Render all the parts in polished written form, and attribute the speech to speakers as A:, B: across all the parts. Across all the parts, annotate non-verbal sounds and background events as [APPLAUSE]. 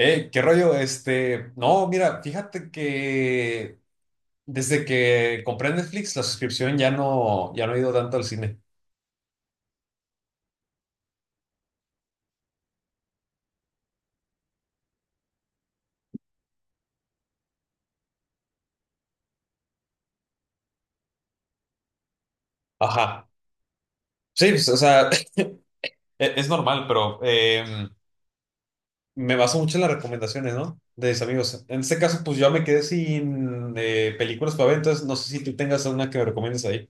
A: ¿Qué rollo? No, mira, fíjate que desde que compré Netflix, la suscripción ya no he ido tanto al cine. Ajá. Sí, pues, o sea, [LAUGHS] es normal, pero me baso mucho en las recomendaciones, ¿no? De mis amigos. En este caso, pues yo me quedé sin películas para ver, entonces no sé si tú tengas una que me recomiendes ahí.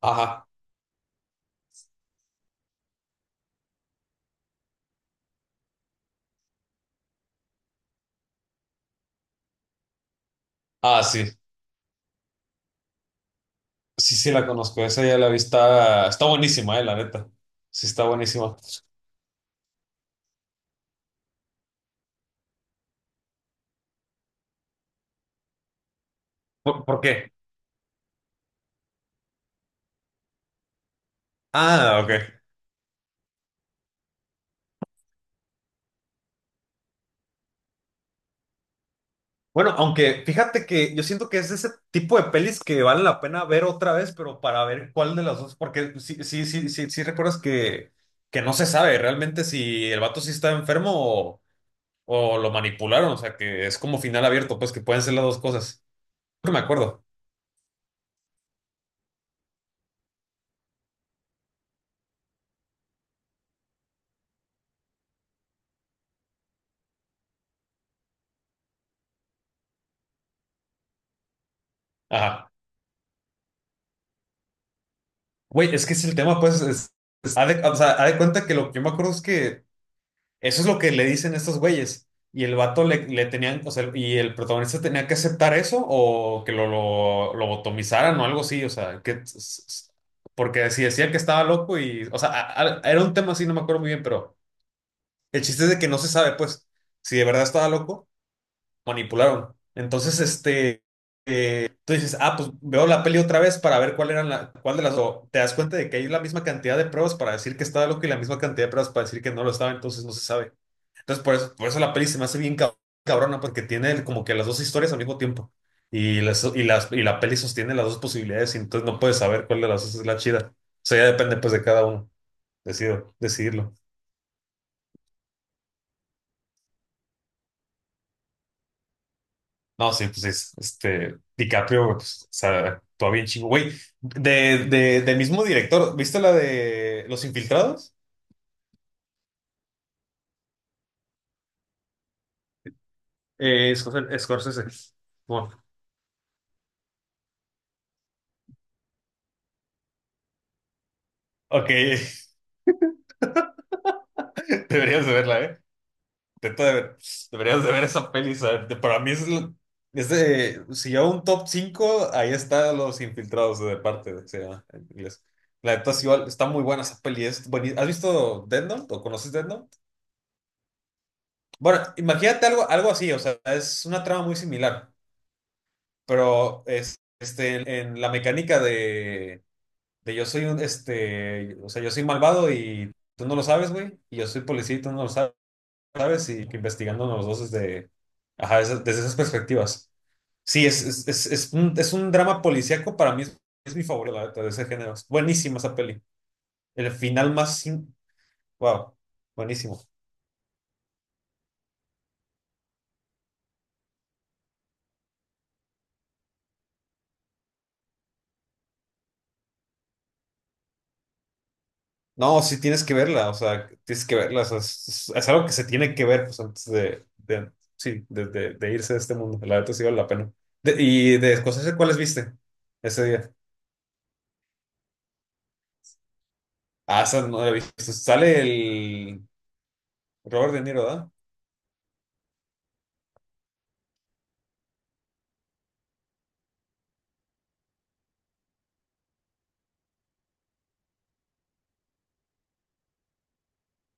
A: Ajá. Ah, sí. Sí, sí, la conozco. Esa ya la vi. Está buenísima, la neta. Sí, está buenísima. ¿ por qué? Ah, ok. Bueno, aunque fíjate que yo siento que es ese tipo de pelis que vale la pena ver otra vez, pero para ver cuál de las dos, porque sí recuerdas que no se sabe realmente si el vato sí está enfermo o lo manipularon, o sea, que es como final abierto, pues que pueden ser las dos cosas. Creo que me acuerdo. Ajá. Güey, es que es el tema, o sea, haz de cuenta que lo que yo me acuerdo es que eso es lo que le dicen estos güeyes. Y el le tenían, o sea, y el protagonista tenía que aceptar eso o que lo lobotomizaran o algo así, o sea, porque si decían que estaba loco y, o sea, era un tema así, no me acuerdo muy bien, pero el chiste es de que no se sabe, pues, si de verdad estaba loco, manipularon. Entonces, tú dices, ah, pues veo la peli otra vez para ver cuál de las, o te das cuenta de que hay la misma cantidad de pruebas para decir que estaba loco y la misma cantidad de pruebas para decir que no lo estaba, entonces no se sabe. Entonces, por eso la peli se me hace bien cabrona, porque tiene como que las dos historias al mismo tiempo. Y la peli sostiene las dos posibilidades, y entonces no puedes saber cuál de las dos es la chida. O sea, ya depende pues de cada uno, decidirlo. No, sí, pues es, DiCaprio, güey, pues, o sea, actúa bien chingo. Güey, del mismo director, ¿viste la de Los Infiltrados? Scorsese. Scorsese. Bueno, ok, [LAUGHS] deberías de verla, ¿eh? Neta, pues, deberías de ver esa peli. ¿Sabes? Para mí es de, si yo un top 5 ahí está Los Infiltrados de parte, se llama en inglés. La neta, sí, igual, está muy buena esa peli. Es ¿Has visto Death Note o conoces Death Note? Bueno, imagínate algo así, o sea, es una trama muy similar, pero es, en la mecánica de yo soy un, este, o sea, yo soy malvado y tú no lo sabes, güey, y yo soy policía y tú no lo sabes. ¿Sabes? Y que investigando los dos desde, ajá, desde esas perspectivas. Sí, es un drama policíaco, para mí es mi favorito, la neta, de ese género. Es buenísima esa peli. El final más... sin- wow, buenísimo. No, sí tienes que verla, o sea, tienes que verla, o sea, es algo que se tiene que ver pues, sí, de irse de este mundo. La neta sí vale la pena. Y de Scorsese, ¿cuáles viste ese día? Ah, esa no la he visto. Sale el Robert De Niro, ¿verdad?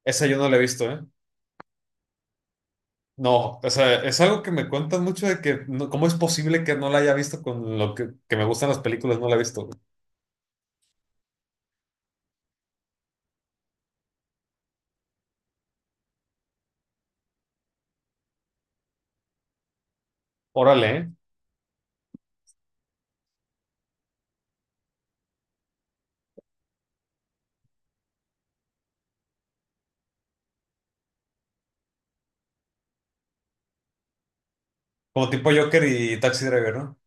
A: Esa yo no la he visto, ¿eh? No, o sea, es algo que me cuentan mucho de que, ¿cómo es posible que no la haya visto con lo que me gustan las películas? No la he visto. Órale, ¿eh? ¿Como tipo Joker y Taxi Driver, no?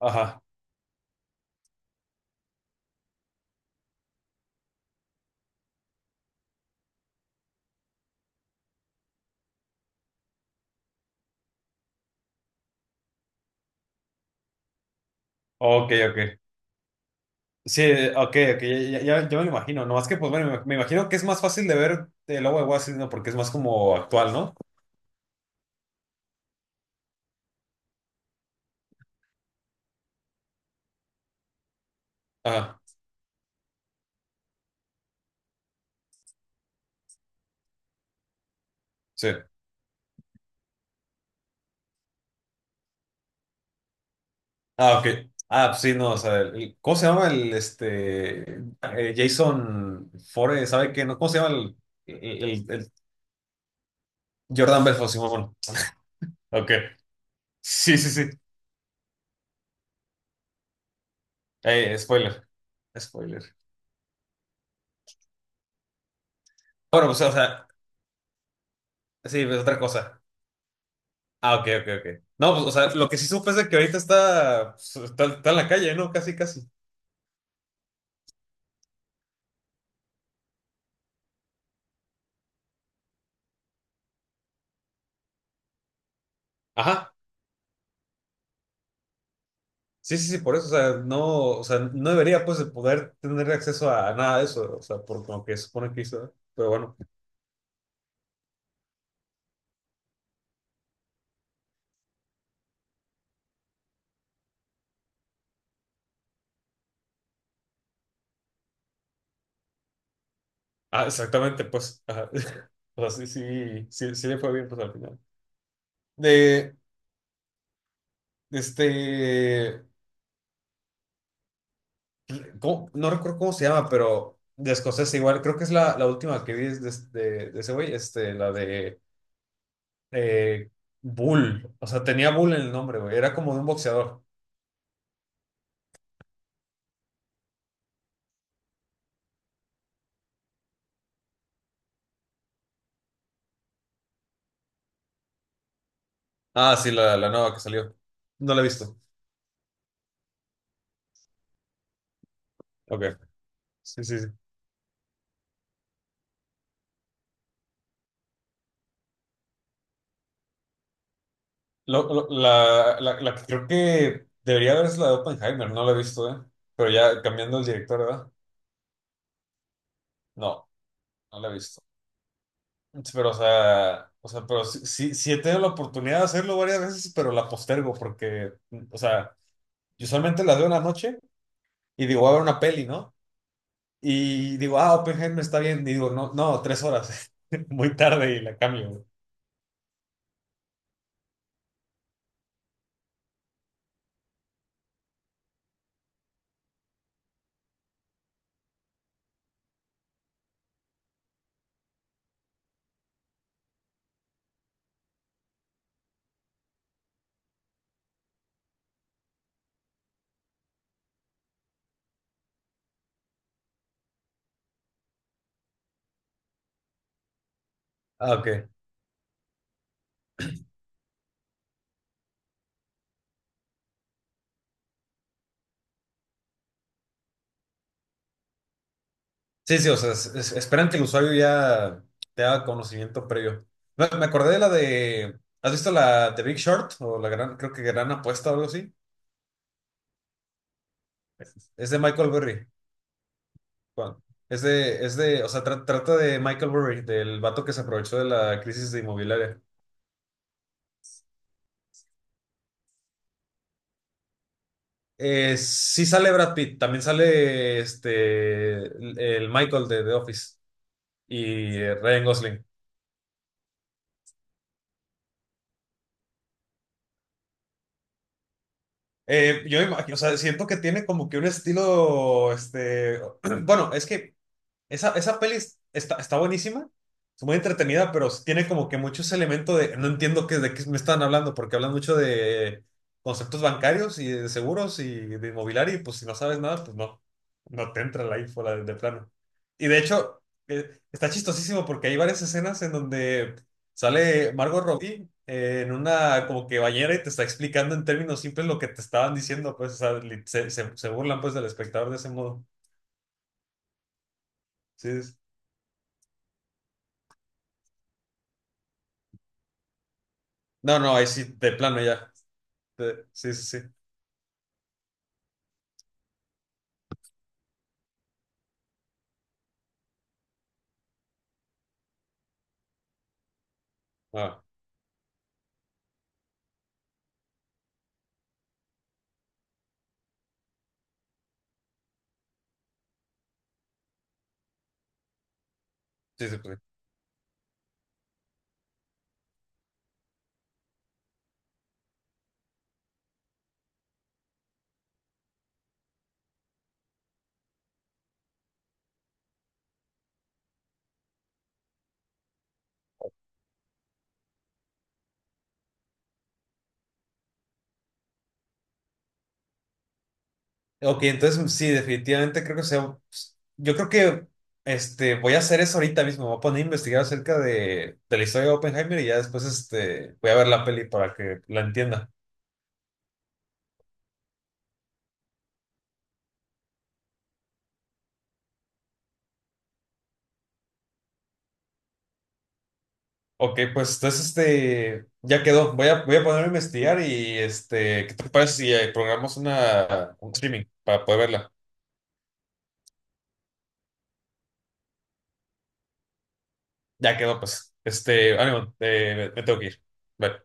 A: Ajá. Ok, ok. Sí, ok, ok, ya me lo imagino. Nomás que, pues bueno, me imagino que es más fácil de ver el Lobo de Wall Street, ¿no? Porque es más como actual, ¿no? Ajá, sí. Ah, ok. Ah, pues sí, no, o sea, ¿cómo se llama el, este, Jason Fore, ¿sabe qué? No, ¿cómo se llama el, el- el- Jordan Belfort, Simón? Ok. Sí, sí, sí. Spoiler. Spoiler. Bueno, pues, o sea, sí, es otra cosa. Ah, ok, ok, ok. No, pues, o sea, lo que sí supe es de que ahorita está, está en la calle, ¿no? Casi, casi. Ajá. Sí, sí, sí, por eso, o sea, no debería, pues, de poder tener acceso a nada de eso, o sea, por lo que supone que hizo, pero bueno. Ah, exactamente, pues, ajá. [LAUGHS] O sea, sí le fue bien, pues, al final. De, este, ¿Cómo? No recuerdo cómo se llama, pero de escocés igual, creo que es la última que vi de ese güey, este, la de eh, Bull, o sea, tenía Bull en el nombre, güey, era como de un boxeador. Ah, sí, la nueva que salió. No la he visto. Ok, sí, sí, sí. La que creo que debería haber es la de Oppenheimer, no la he visto, ¿eh? Pero ya cambiando el director, ¿verdad? No, no la he visto. Pero, o sea, pero sí, sí, sí he tenido la oportunidad de hacerlo varias veces, pero la postergo porque, o sea... Yo solamente las veo en la noche y digo, voy a ver una peli, ¿no? Y digo, ah, Oppenheimer está bien. Y digo, no, no, tres horas. [LAUGHS] Muy tarde y la cambio, güey. Ah, ok. Sí, sí, o sea, esperan que el usuario ya te haga conocimiento previo. Me acordé de la de. ¿Has visto la The Big Short? O La Gran, creo que Gran Apuesta o algo así. Es de Michael Berry. Juan. Es de, o sea, trata de Michael Berry, del vato que se aprovechó de la crisis de inmobiliaria. Sí sale Brad Pitt, también sale este el Michael de The Office y Ryan Gosling. Yo imagino, o sea, siento que tiene como que un estilo, este, [CLEARS THROAT] bueno, es que esa peli está, está buenísima, es muy entretenida, pero sí tiene como que muchos elementos de, no entiendo qué, de qué me están hablando, porque hablan mucho de conceptos bancarios y de seguros y de inmobiliario, y pues si no sabes nada, pues no, no te entra la info de plano. Y de hecho, está chistosísimo porque hay varias escenas en donde sale Margot Robbie en una como que bañera y te está explicando en términos simples lo que te estaban diciendo, pues, o sea, se burlan pues del espectador de ese modo. Sí, sí, sí. No, no, ahí sí, de plano ya. Sí, sí, sí. Ah, sí, sí, pues sí. Ok, entonces sí, definitivamente creo que sea. Yo creo que este, voy a hacer eso ahorita mismo. Me voy a poner a investigar acerca de la historia de Oppenheimer y ya después este, voy a ver la peli para que la entienda. Ok, pues entonces este, ya quedó. Voy a ponerme a investigar y este, ¿qué te parece si programamos una, un streaming para poder verla? Ya quedó, pues. Este, ánimo, me tengo que ir. Bye.